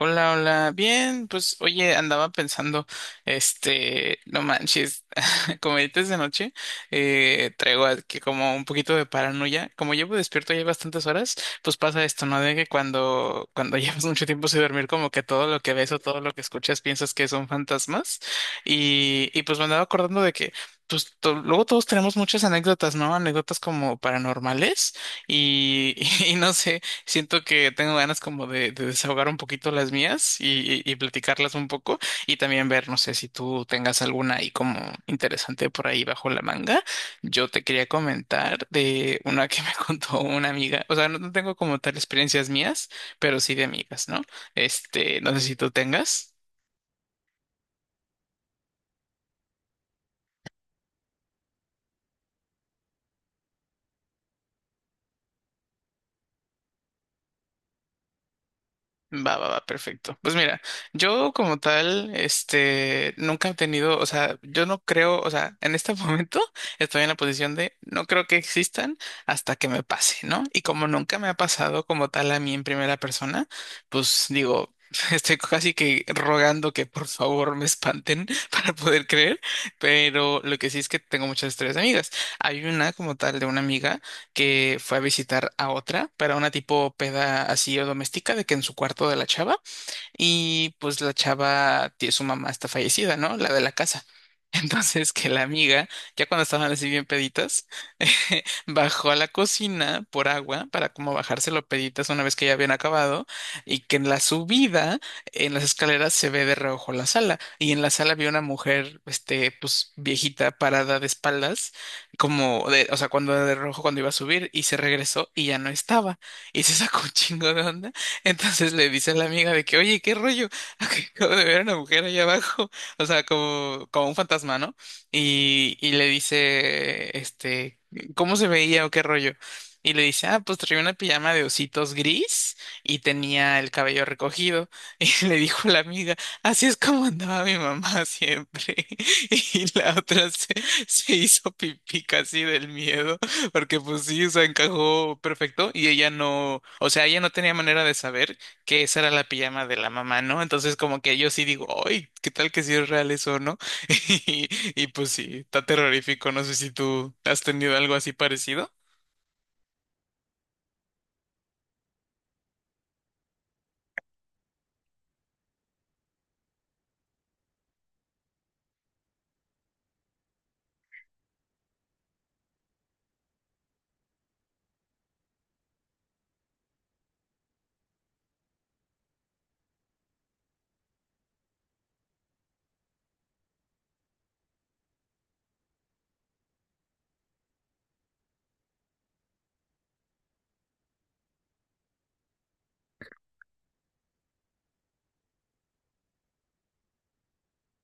Hola, hola. Bien, pues oye, andaba pensando, no manches, como ahorita es de noche, traigo aquí como un poquito de paranoia. Como llevo despierto ya bastantes horas, pues pasa esto, ¿no? De que cuando llevas mucho tiempo sin dormir, como que todo lo que ves o todo lo que escuchas piensas que son fantasmas. Y pues me andaba acordando de que, pues luego todos tenemos muchas anécdotas, ¿no? Anécdotas como paranormales. Y, y no sé. Siento que tengo ganas como de desahogar un poquito las mías y platicarlas un poco y también ver, no sé si tú tengas alguna ahí como interesante por ahí bajo la manga. Yo te quería comentar de una que me contó una amiga, o sea, no tengo como tal experiencias mías, pero sí de amigas, ¿no? No sé si tú tengas. Va, va, va, perfecto. Pues mira, yo como tal, nunca he tenido, o sea, yo no creo, o sea, en este momento estoy en la posición de no creo que existan hasta que me pase, ¿no? Y como nunca me ha pasado como tal a mí en primera persona, pues digo, estoy casi que rogando que por favor me espanten para poder creer, pero lo que sí es que tengo muchas historias de amigas. Hay una como tal de una amiga que fue a visitar a otra para una tipo peda así o doméstica de que en su cuarto de la chava. Y pues la chava, su mamá está fallecida, ¿no? La de la casa. Entonces que la amiga, ya cuando estaban así bien peditas, bajó a la cocina por agua para como bajárselo peditas una vez que ya habían acabado y que en la subida, en las escaleras se ve de reojo la sala y en la sala vi una mujer, pues viejita parada de espaldas, como de, o sea, cuando de reojo cuando iba a subir y se regresó y ya no estaba y se sacó un chingo de onda, entonces le dice a la amiga de que, oye, ¿qué rollo? Acabo de ver a una mujer allá abajo, o sea, como, como un fantasma, ¿no? Y le dice, ¿cómo se veía o qué rollo? Y le dice, ah, pues traía una pijama de ositos gris y tenía el cabello recogido. Y le dijo la amiga, así es como andaba mi mamá siempre. Y la otra se hizo pipí casi del miedo. Porque pues sí, o sea, encajó perfecto y ella no, o sea, ella no tenía manera de saber que esa era la pijama de la mamá, ¿no? Entonces como que yo sí digo, ¡ay! ¿Qué tal que si es real eso, no? Y, y pues sí, está terrorífico, no sé si tú has tenido algo así parecido.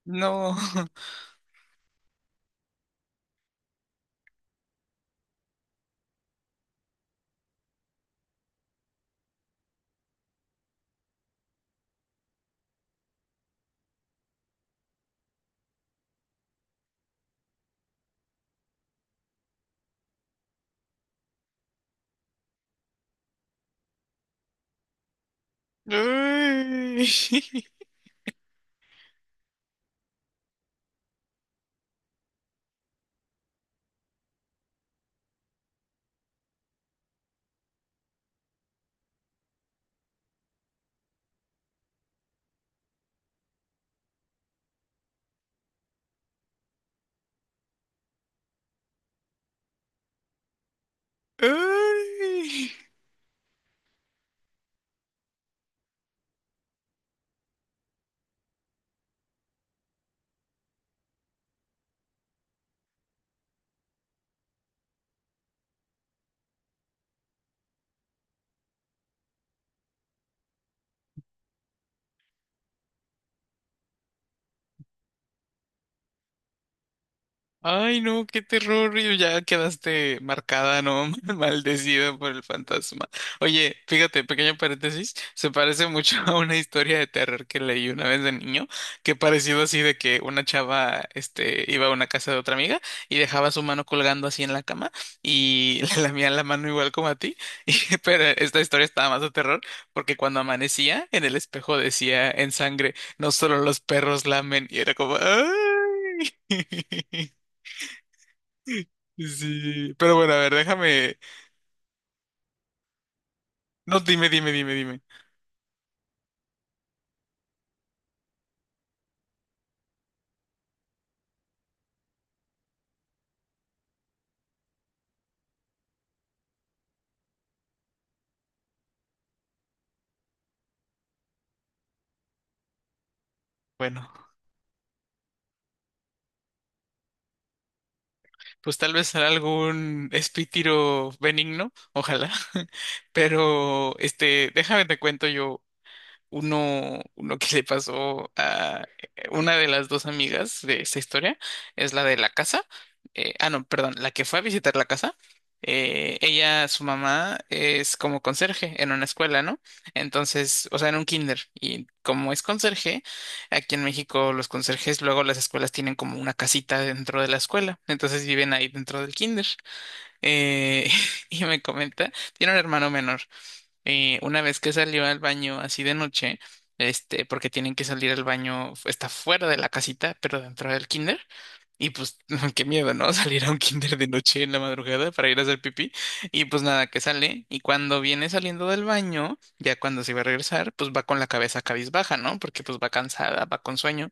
No. Ay. Ay. Ay, no, qué terror, y ya quedaste marcada, ¿no? Maldecida por el fantasma. Oye, fíjate, pequeño paréntesis, se parece mucho a una historia de terror que leí una vez de niño, que parecido así de que una chava, iba a una casa de otra amiga y dejaba su mano colgando así en la cama y le lamía la mano igual como a ti, pero esta historia estaba más de terror porque cuando amanecía en el espejo decía en sangre, no solo los perros lamen, y era como, ¡ay! Sí, pero bueno, a ver, déjame. No, dime, dime, dime, dime. Bueno, pues tal vez será algún espítiro benigno, ojalá. Pero, déjame te cuento yo. Uno que le pasó a una de las dos amigas de esta historia es la de la casa. Ah, no, perdón, la que fue a visitar la casa. Ella, su mamá, es como conserje en una escuela, ¿no? Entonces, o sea, en un kinder. Y como es conserje, aquí en México los conserjes luego las escuelas tienen como una casita dentro de la escuela. Entonces viven ahí dentro del kinder. Eh, y me comenta, tiene un hermano menor. Una vez que salió al baño así de noche, porque tienen que salir al baño, está fuera de la casita, pero dentro del kinder. Y pues, qué miedo, ¿no? Salir a un kinder de noche en la madrugada para ir a hacer pipí. Y pues nada, que sale. Y cuando viene saliendo del baño, ya cuando se va a regresar, pues va con la cabeza cabizbaja, ¿no? Porque pues va cansada, va con sueño.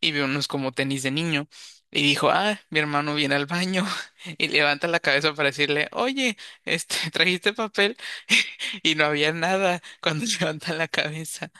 Y ve unos como tenis de niño. Y dijo, ah, mi hermano viene al baño. Y levanta la cabeza para decirle, oye, ¿trajiste papel? Y no había nada cuando levantan la cabeza.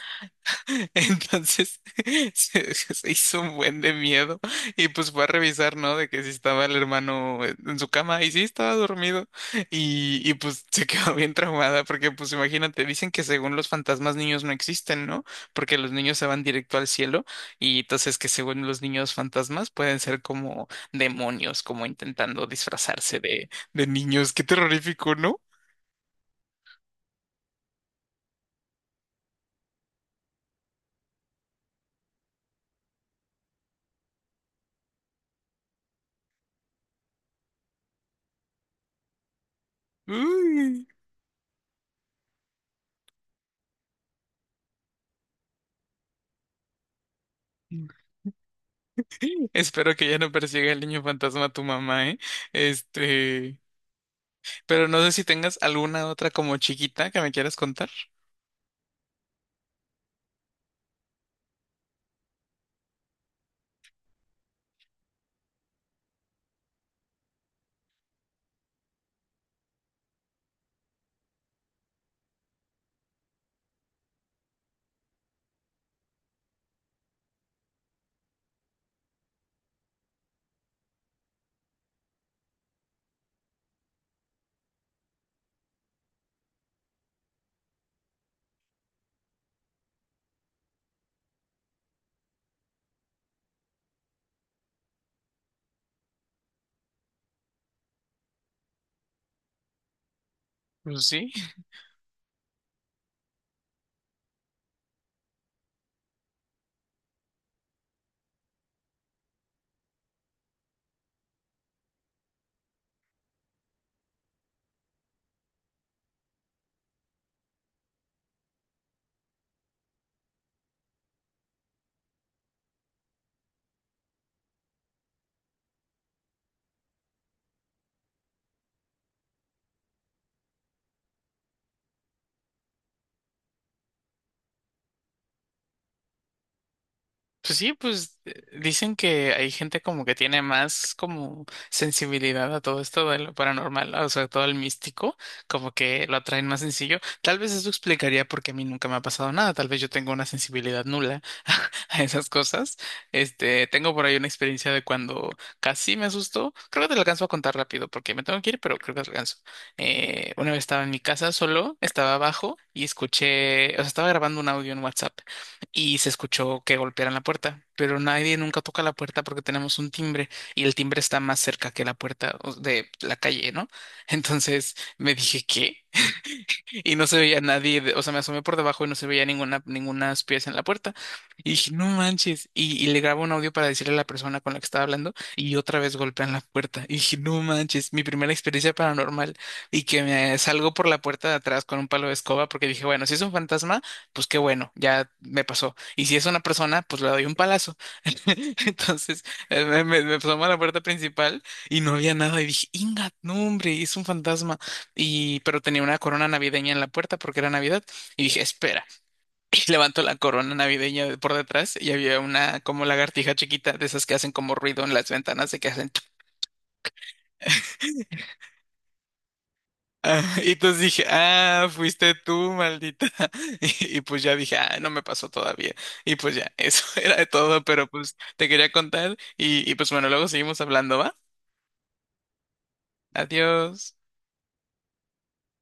Entonces se hizo un buen de miedo y pues fue a revisar, ¿no? De que si estaba el hermano en su cama y sí estaba dormido y pues se quedó bien traumada porque pues imagínate, dicen que según los fantasmas niños no existen, ¿no? Porque los niños se van directo al cielo y entonces que según los niños fantasmas pueden ser como demonios, como intentando disfrazarse de niños. Qué terrorífico, ¿no? Uy. Espero que ya no persiga el niño fantasma a tu mamá, ¿eh? Este, pero no sé si tengas alguna otra como chiquita que me quieras contar. Pues sí. Pues sí, pues dicen que hay gente como que tiene más como sensibilidad a todo esto de lo paranormal, o sea, todo el místico, como que lo atraen más sencillo. Tal vez eso explicaría por qué a mí nunca me ha pasado nada, tal vez yo tengo una sensibilidad nula a esas cosas. Tengo por ahí una experiencia de cuando casi me asustó, creo que te lo alcanzo a contar rápido porque me tengo que ir, pero creo que te lo alcanzo. Una vez estaba en mi casa solo, estaba abajo y escuché, o sea, estaba grabando un audio en WhatsApp y se escuchó que golpearan la puerta, pero nadie nunca toca la puerta porque tenemos un timbre y el timbre está más cerca que la puerta de la calle, ¿no? Entonces me dije, ¿qué? Y no se veía nadie, o sea, me asomé por debajo y no se veía ninguna, ninguna pieza en la puerta. Y dije, no manches. Y le grabo un audio para decirle a la persona con la que estaba hablando y otra vez golpean la puerta. Y dije, no manches, mi primera experiencia paranormal, y que me salgo por la puerta de atrás con un palo de escoba porque dije, bueno, si es un fantasma, pues qué bueno, ya me pasó. Y si es una persona, pues le doy un palazo. Entonces, me asomo a la puerta principal y no había nada y dije, ingat no hombre, es un fantasma. Y, pero tenía una corona navideña en la puerta porque era Navidad. Y dije, espera. Y levanto la corona navideña de por detrás y había una como lagartija chiquita de esas que hacen como ruido en las ventanas de que hacen. Tu- Ah, y entonces dije, ah, fuiste tú, maldita. Y pues ya dije, ah, no me pasó todavía. Y pues ya, eso era de todo, pero pues te quería contar. Y pues bueno, luego seguimos hablando, ¿va? Adiós.